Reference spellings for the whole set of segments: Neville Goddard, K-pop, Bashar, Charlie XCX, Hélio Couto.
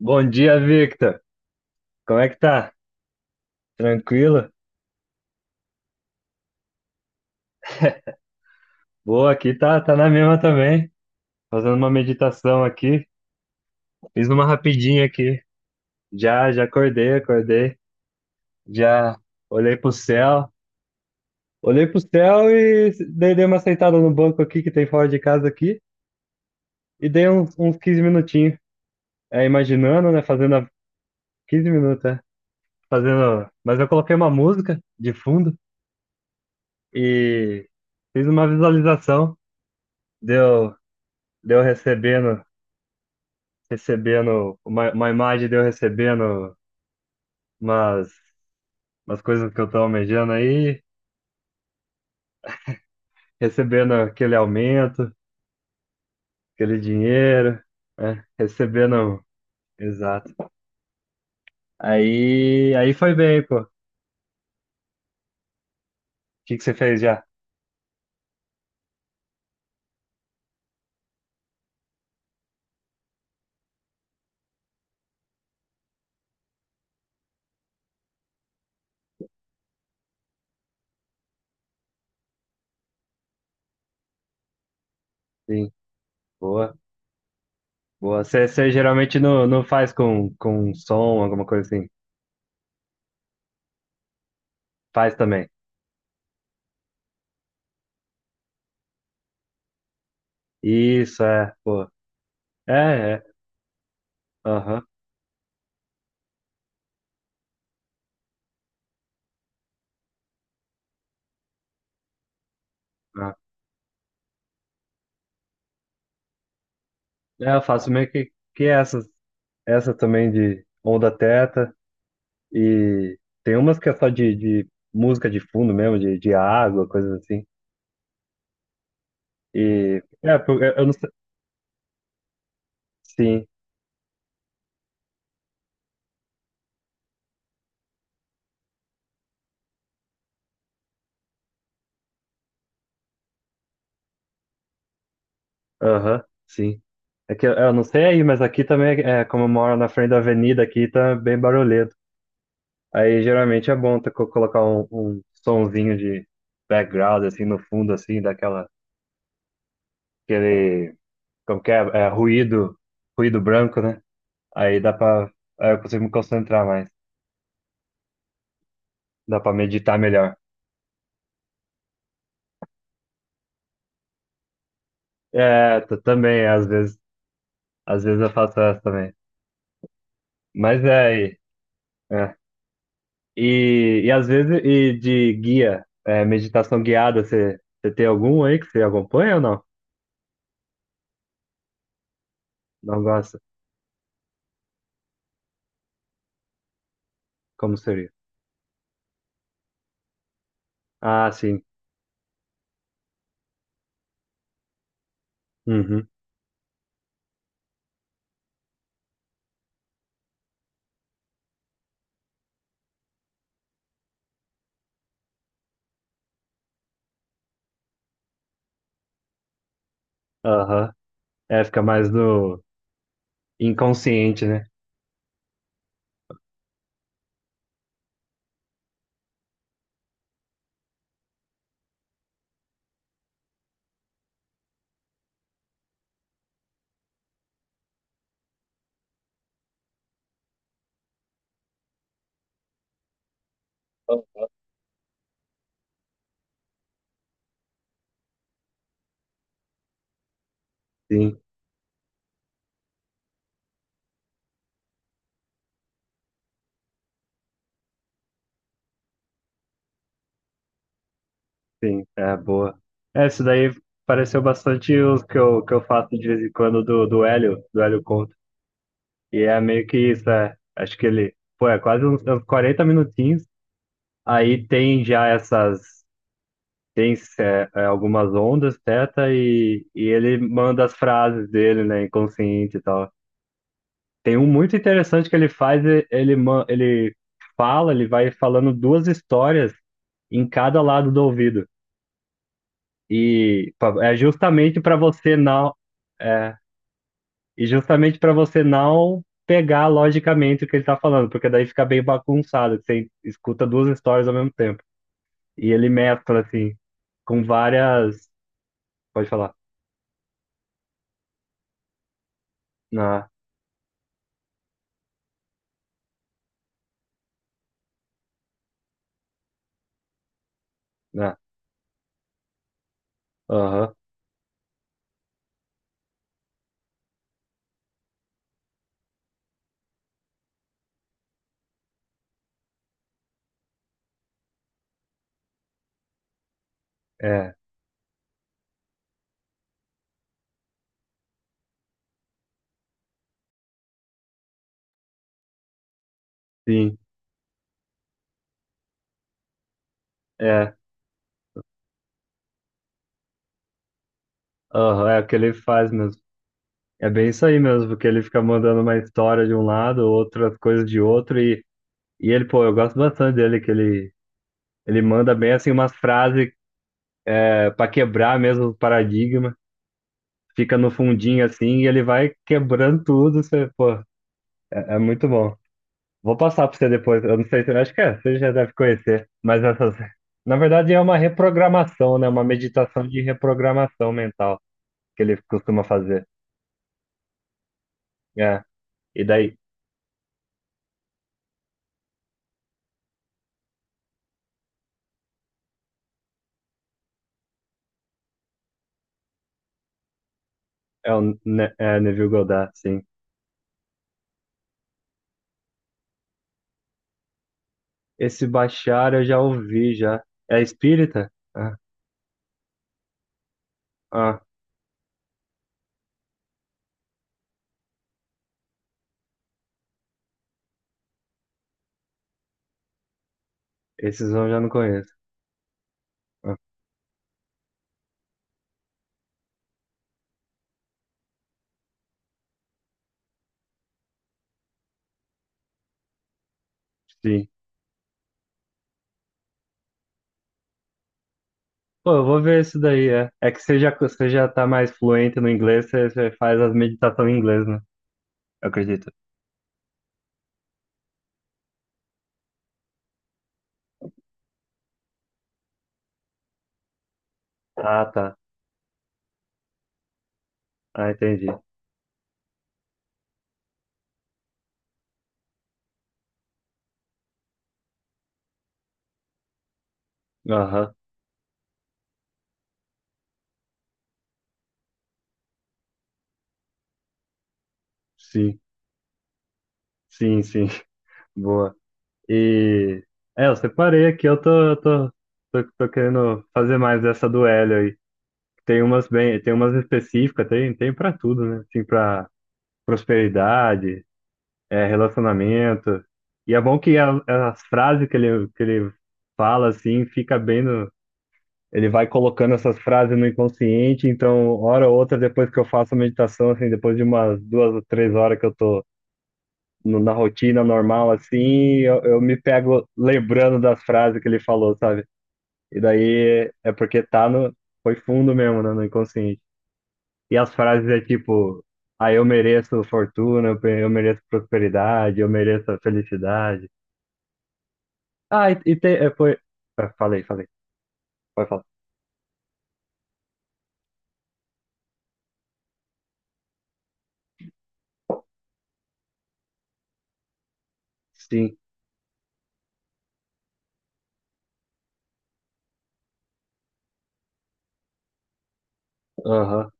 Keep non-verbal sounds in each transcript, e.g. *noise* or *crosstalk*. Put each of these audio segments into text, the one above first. Bom dia, Victor. Como é que tá? Tranquilo? Boa, aqui tá na mesma também. Fazendo uma meditação aqui. Fiz uma rapidinha aqui. Já acordei. Já olhei pro céu. Olhei pro céu e dei uma sentada no banco aqui que tem fora de casa aqui. E dei uns 15 minutinhos. É, imaginando, né? 15 minutos, é. Fazendo. Mas eu coloquei uma música de fundo e fiz uma visualização. Deu, deu recebendo. Recebendo uma imagem de eu recebendo umas, umas coisas que eu tô almejando aí, recebendo aquele aumento, aquele dinheiro, né? Recebendo, exato. Aí foi bem, pô. O que que você fez já? Sim, boa, boa. Você geralmente não faz com som, alguma coisa assim. Faz também. Isso, é, pô. É, é, aham. Ah. É, eu faço meio que essas, essa também de onda teta. E tem umas que é só de música de fundo mesmo, de água, coisas assim. E é, pô, eu não sei. Sim, aham, sim. É que eu não sei aí, mas aqui também, como eu moro na frente da avenida aqui, tá bem barulhento. Aí geralmente é bom ter, colocar um sonzinho de background, assim, no fundo, assim, aquele, como que é, ruído branco, né? Aí dá pra, aí eu consigo me concentrar mais, dá pra meditar melhor. É, também, às vezes. Às vezes eu faço essa também. Mas é aí. É. E às vezes, e de guia, é, meditação guiada, você tem algum aí que você acompanha ou não? Não gosta? Como seria? Ah, sim. Uhum. Aham. É, fica mais no inconsciente, né? Sim, sim. É, boa. É, isso daí pareceu bastante os que que eu faço de vez em quando do Hélio Couto. E é meio que isso, é. Acho que ele, pô, é quase uns 40 minutinhos. Aí tem já essas. Tem algumas ondas, teta, e ele manda as frases dele, né, inconsciente e tal. Tem um muito interessante que ele faz, ele vai falando duas histórias em cada lado do ouvido. E é justamente para você não, é, e justamente para você não pegar logicamente o que ele tá falando, porque daí fica bem bagunçado, que você escuta duas histórias ao mesmo tempo. E ele mescla assim com várias, pode falar. Não, não. Aham, é, sim, é, aham, é o que ele faz mesmo. É bem isso aí mesmo, porque ele fica mandando uma história de um lado, outras coisas de outro, e ele, pô, eu gosto bastante dele, que ele manda bem assim umas frases é, para quebrar mesmo o paradigma, fica no fundinho assim, e ele vai quebrando tudo, você, pô, é muito bom. Vou passar para você depois, eu não sei se, acho que é, você já deve conhecer, mas essas, na verdade é uma reprogramação, né, uma meditação de reprogramação mental que ele costuma fazer. É, e daí é o Neville Goddard, sim. Esse Bashar eu já ouvi, já. É espírita? Ah, esses eu já não conheço. Ah, sim. Pô, eu vou ver isso daí, é. É que você já tá mais fluente no inglês, você faz as meditações em inglês, né? Eu acredito. Ah, tá. Ah, entendi. Aham, sim. Sim, sim. *laughs* Boa. E... É, eu separei aqui, eu tô querendo fazer mais dessa do Hélio. Tem umas específicas, tem para tudo, né? Assim, para prosperidade, é, relacionamento. E é bom que as frases que que ele fala, assim, fica bem no. Ele vai colocando essas frases no inconsciente, então, hora ou outra, depois que eu faço a meditação, assim, depois de umas 2 ou 3 horas que eu tô na rotina normal, assim, eu me pego lembrando das frases que ele falou, sabe? E daí é porque tá no. Foi fundo mesmo, né, no inconsciente. E as frases é tipo, ah, eu mereço fortuna, eu mereço prosperidade, eu mereço a felicidade. Ah, e tem, é, foi, ah, falei, falei, pode falar. Sim, aham,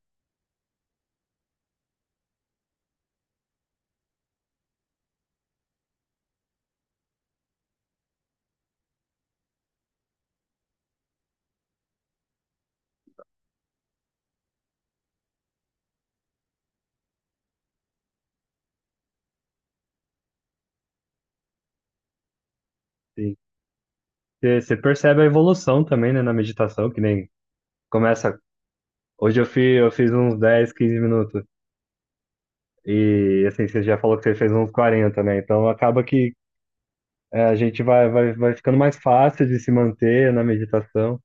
sim. Você percebe a evolução também, né, na meditação, que nem começa, hoje eu fiz uns 10 15 minutos, e assim, você já falou que você fez uns 40, né, então acaba que é, a gente vai ficando mais fácil de se manter na meditação.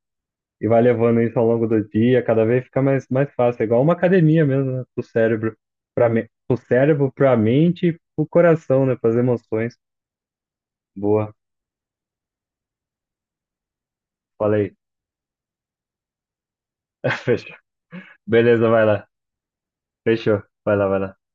E vai levando isso ao longo do dia, cada vez fica mais fácil. É igual uma academia mesmo, né? Do cérebro o cérebro para a mente e o coração, né? Para as emoções. Boa, falei. *laughs* Fechou. Beleza, vai lá. Fechou. Vai lá, vai lá.